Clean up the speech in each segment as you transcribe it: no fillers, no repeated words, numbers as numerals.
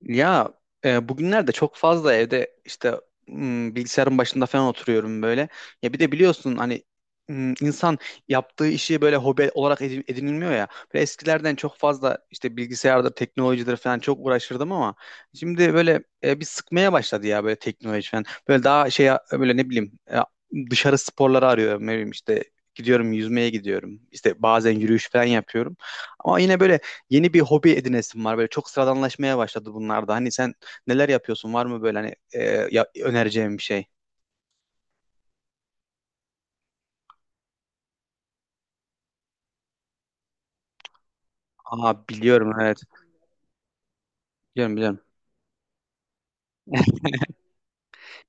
Ya bugünlerde çok fazla evde işte bilgisayarın başında falan oturuyorum böyle. Ya bir de biliyorsun hani insan yaptığı işi böyle hobi olarak edinilmiyor ya. Böyle eskilerden çok fazla işte bilgisayardır, teknolojidir falan çok uğraşırdım ama şimdi böyle bir sıkmaya başladı ya böyle teknoloji falan. Böyle daha şey böyle ne bileyim dışarı sporları arıyorum, ne bileyim işte gidiyorum, yüzmeye gidiyorum. İşte bazen yürüyüş falan yapıyorum. Ama yine böyle yeni bir hobi edinesin var. Böyle çok sıradanlaşmaya başladı bunlarda. Hani sen neler yapıyorsun? Var mı böyle hani önereceğim bir şey? Aa, biliyorum, evet. Biliyorum, biliyorum.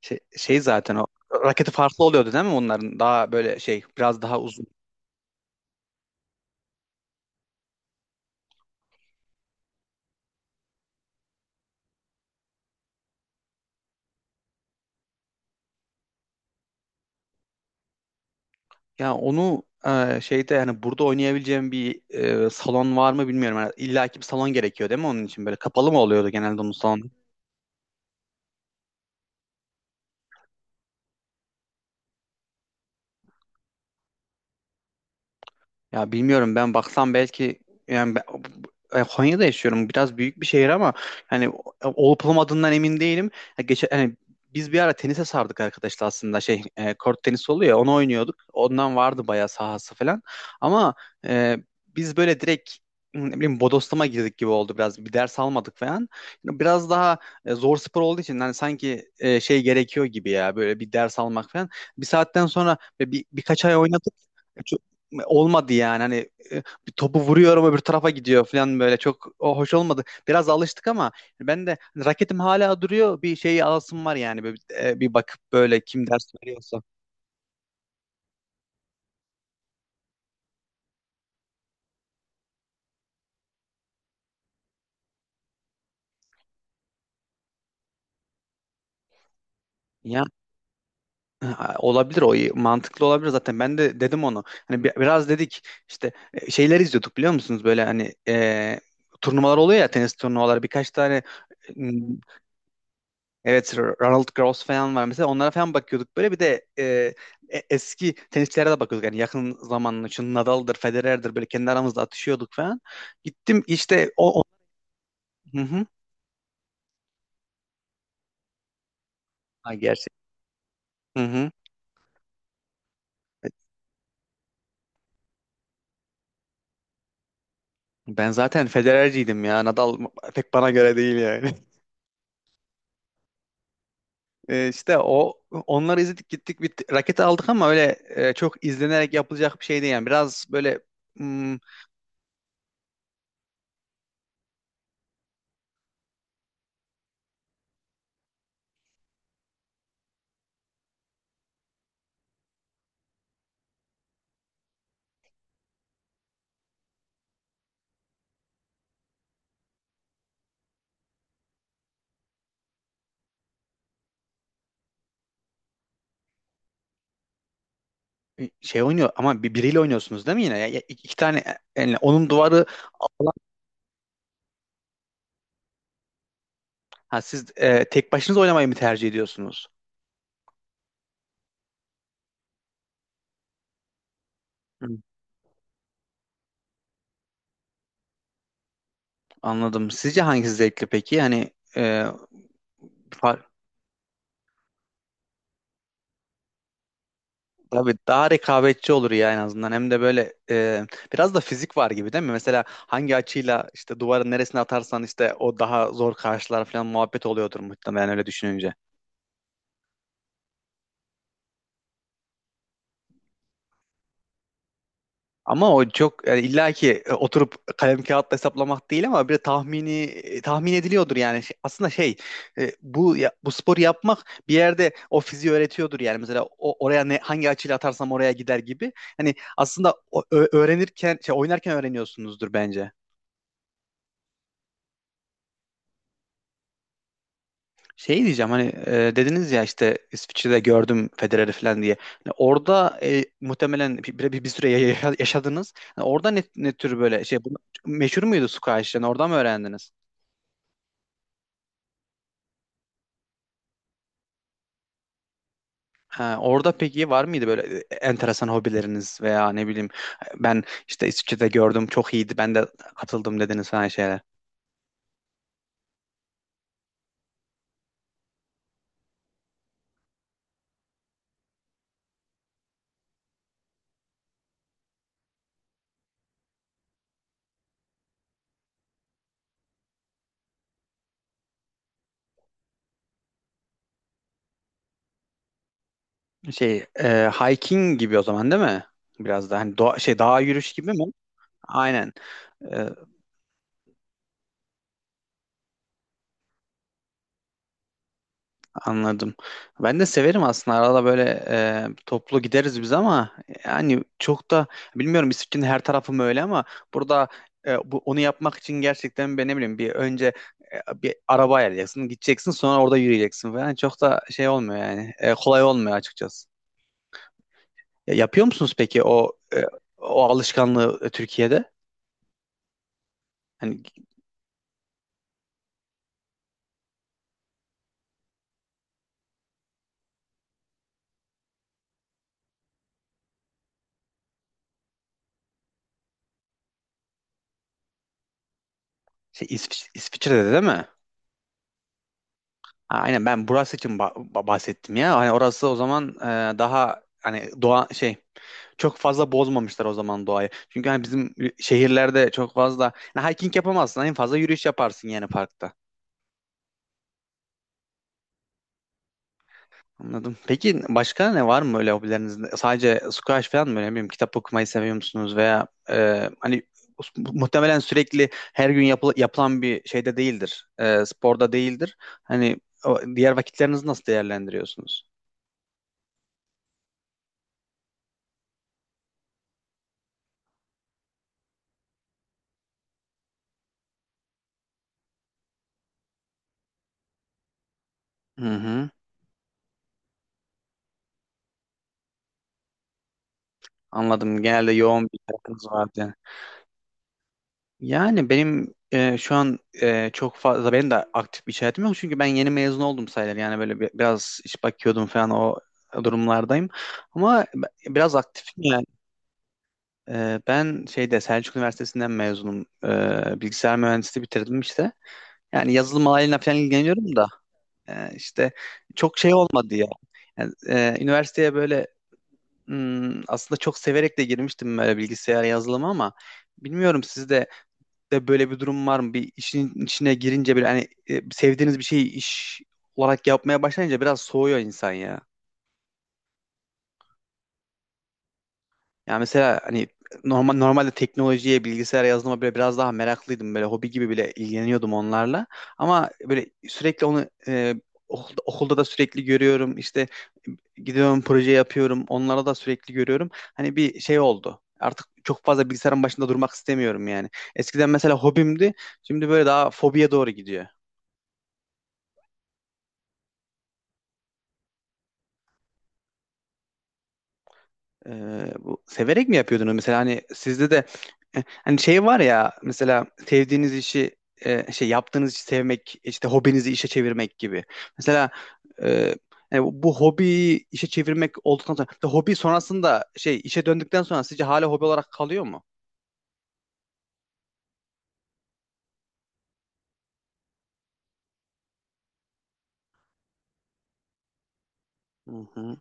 Şey, zaten o raketi farklı oluyordu değil mi onların? Daha böyle şey biraz daha uzun. Ya onu şeyde, hani burada oynayabileceğim bir salon var mı bilmiyorum. Yani illa ki bir salon gerekiyor değil mi onun için? Böyle kapalı mı oluyordu genelde onun salonu? Ya bilmiyorum, ben baksam belki. Yani Konya'da yaşıyorum. Biraz büyük bir şehir ama hani olup olmadığından emin değilim. Ya geçen hani biz bir ara tenise sardık arkadaşlar, aslında şey kort tenisi oluyor ya, onu oynuyorduk. Ondan vardı bayağı sahası falan. Ama e, biz böyle direkt ne bileyim bodoslama girdik gibi oldu biraz. Bir ders almadık falan. Biraz daha zor spor olduğu için hani sanki şey gerekiyor gibi ya, böyle bir ders almak falan. Bir saatten sonra birkaç ay oynadık, olmadı yani. Hani e, bir topu vuruyorum öbür tarafa gidiyor falan, böyle çok o hoş olmadı. Biraz alıştık ama ben de hani raketim hala duruyor, bir şey alasım var yani bir bakıp böyle kim ders veriyorsa. Ya e, olabilir, o iyi, mantıklı olabilir, zaten ben de dedim onu. Hani biraz dedik işte şeyler izliyorduk, biliyor musunuz, böyle hani turnuvalar oluyor ya, tenis turnuvaları birkaç tane. Evet, Ronald Gross falan var mesela. Onlara falan bakıyorduk böyle. Bir de eski tenisçilere de bakıyorduk. Yani yakın zamanın için Nadal'dır, Federer'dir, böyle kendi aramızda atışıyorduk falan. Gittim işte o... Hı hı. Ha, gerçek. Hı hı. Ben zaten Federer'ciydim ya. Nadal pek bana göre değil yani. E, işte o, onları izledik, gittik bir raket aldık ama öyle çok izlenerek yapılacak bir şey değil yani. Biraz böyle hmm, şey oynuyor, ama biriyle oynuyorsunuz değil mi yine? Ya, ya- iki tane yani onun duvarı. Ha, siz tek başınıza oynamayı mı tercih ediyorsunuz? Hı. Anladım. Sizce hangisi zevkli peki? Hani far- tabii daha rekabetçi olur ya en azından. Hem de böyle biraz da fizik var gibi değil mi? Mesela hangi açıyla işte duvarın neresine atarsan işte o daha zor karşılar falan muhabbet oluyordur muhtemelen, öyle düşününce. Ama o çok yani illa ki oturup kalem kağıtla hesaplamak değil ama bir tahmini tahmin ediliyordur yani. Aslında şey bu sporu yapmak bir yerde o fiziği öğretiyordur yani, mesela oraya ne hangi açıyla atarsam oraya gider gibi. Hani aslında öğrenirken, şey, oynarken öğreniyorsunuzdur bence. Şey diyeceğim, hani dediniz ya, işte İsviçre'de gördüm Federer'i falan diye. Hani orada muhtemelen bir süre yaşadınız. Hani orada ne tür böyle şey, bu, meşhur muydu squash? Yani oradan mı öğrendiniz? Ha, orada peki var mıydı böyle enteresan hobileriniz, veya ne bileyim, ben işte İsviçre'de gördüm çok iyiydi, ben de katıldım dediniz falan şeyler. Şey hiking gibi o zaman değil mi? Biraz da hani doğa, şey dağ yürüyüş gibi mi? Aynen. E, Anladım. Ben de severim aslında. Arada böyle toplu gideriz biz, ama yani çok da bilmiyorum, İsviçre'nin her tarafı mı öyle, ama burada bu, onu yapmak için gerçekten ben ne bileyim bir önce bir araba ayarlayacaksın, gideceksin, sonra orada yürüyeceksin falan. Çok da şey olmuyor yani. Kolay olmuyor açıkçası. Ya, yapıyor musunuz peki o alışkanlığı Türkiye'de? Hani şey, İsviçre'de de değil mi? Ha, aynen, ben burası için bahsettim ya. Hani orası o zaman daha hani doğa, şey, çok fazla bozmamışlar o zaman doğayı. Çünkü hani bizim şehirlerde çok fazla yani hiking yapamazsın. En fazla yürüyüş yaparsın yani, parkta. Anladım. Peki başka ne var mı öyle hobilerinizde? Sadece squash falan mı? Ne bileyim, kitap okumayı seviyor musunuz? Veya hani muhtemelen sürekli her gün yapılan bir şeyde değildir. Sporda değildir. Hani o, diğer vakitlerinizi nasıl değerlendiriyorsunuz? Hı hı. Anladım. Genelde yoğun bir hayatınız vardı. Yani benim şu an çok fazla benim de aktif bir iş hayatım yok. Çünkü ben yeni mezun oldum sayılır. Yani böyle biraz iş bakıyordum falan, o durumlardayım. Ama biraz aktifim yani. Ben şeyde Selçuk Üniversitesi'nden mezunum. Bilgisayar mühendisliği bitirdim işte. Yani yazılım alanıyla falan ilgileniyorum da işte çok şey olmadı ya. Yani, üniversiteye böyle, aslında çok severek de girmiştim böyle bilgisayar yazılımı ama bilmiyorum, sizde de böyle bir durum var mı? Bir işin içine girince, bir hani sevdiğiniz bir şeyi iş olarak yapmaya başlayınca biraz soğuyor insan ya. Yani mesela hani normalde teknolojiye, bilgisayara, yazılıma böyle biraz daha meraklıydım. Böyle hobi gibi bile ilgileniyordum onlarla. Ama böyle sürekli onu okulda da sürekli görüyorum. İşte gidiyorum, proje yapıyorum. Onlara da sürekli görüyorum. Hani bir şey oldu. Artık çok fazla bilgisayarın başında durmak istemiyorum yani. Eskiden mesela hobimdi. Şimdi böyle daha fobiye doğru gidiyor. Bu severek mi yapıyordunuz mesela? Hani sizde de hani şey var ya, mesela sevdiğiniz işi, şey, yaptığınız işi sevmek, işte hobinizi işe çevirmek gibi. Mesela e, yani bu hobiyi işe çevirmek olduktan sonra, mesela hobi sonrasında, şey, işe döndükten sonra sizce hala hobi olarak kalıyor mu? Hı hı,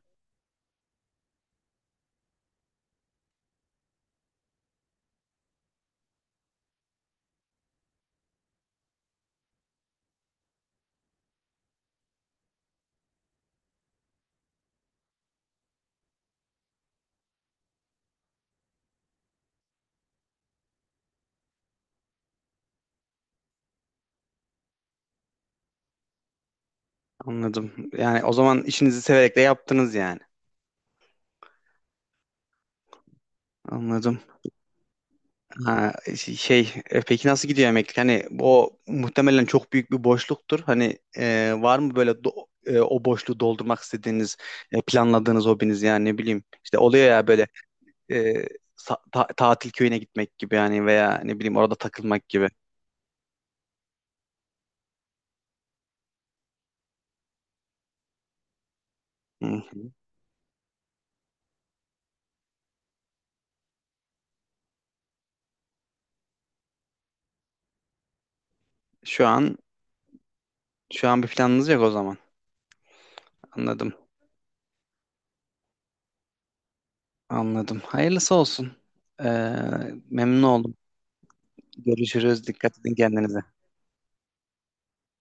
anladım. Yani o zaman işinizi severek de yaptınız yani. Anladım. Ha, şey, peki nasıl gidiyor emeklilik? Hani o muhtemelen çok büyük bir boşluktur. Hani var mı böyle o boşluğu doldurmak istediğiniz, planladığınız hobiniz yani, ne bileyim. İşte oluyor ya böyle e, tatil köyüne gitmek gibi yani, veya ne bileyim orada takılmak gibi. Hı hı. Şu an şu an bir planınız yok o zaman. Anladım. Anladım. Hayırlısı olsun. Ee, memnun oldum. Görüşürüz. Dikkat edin kendinize.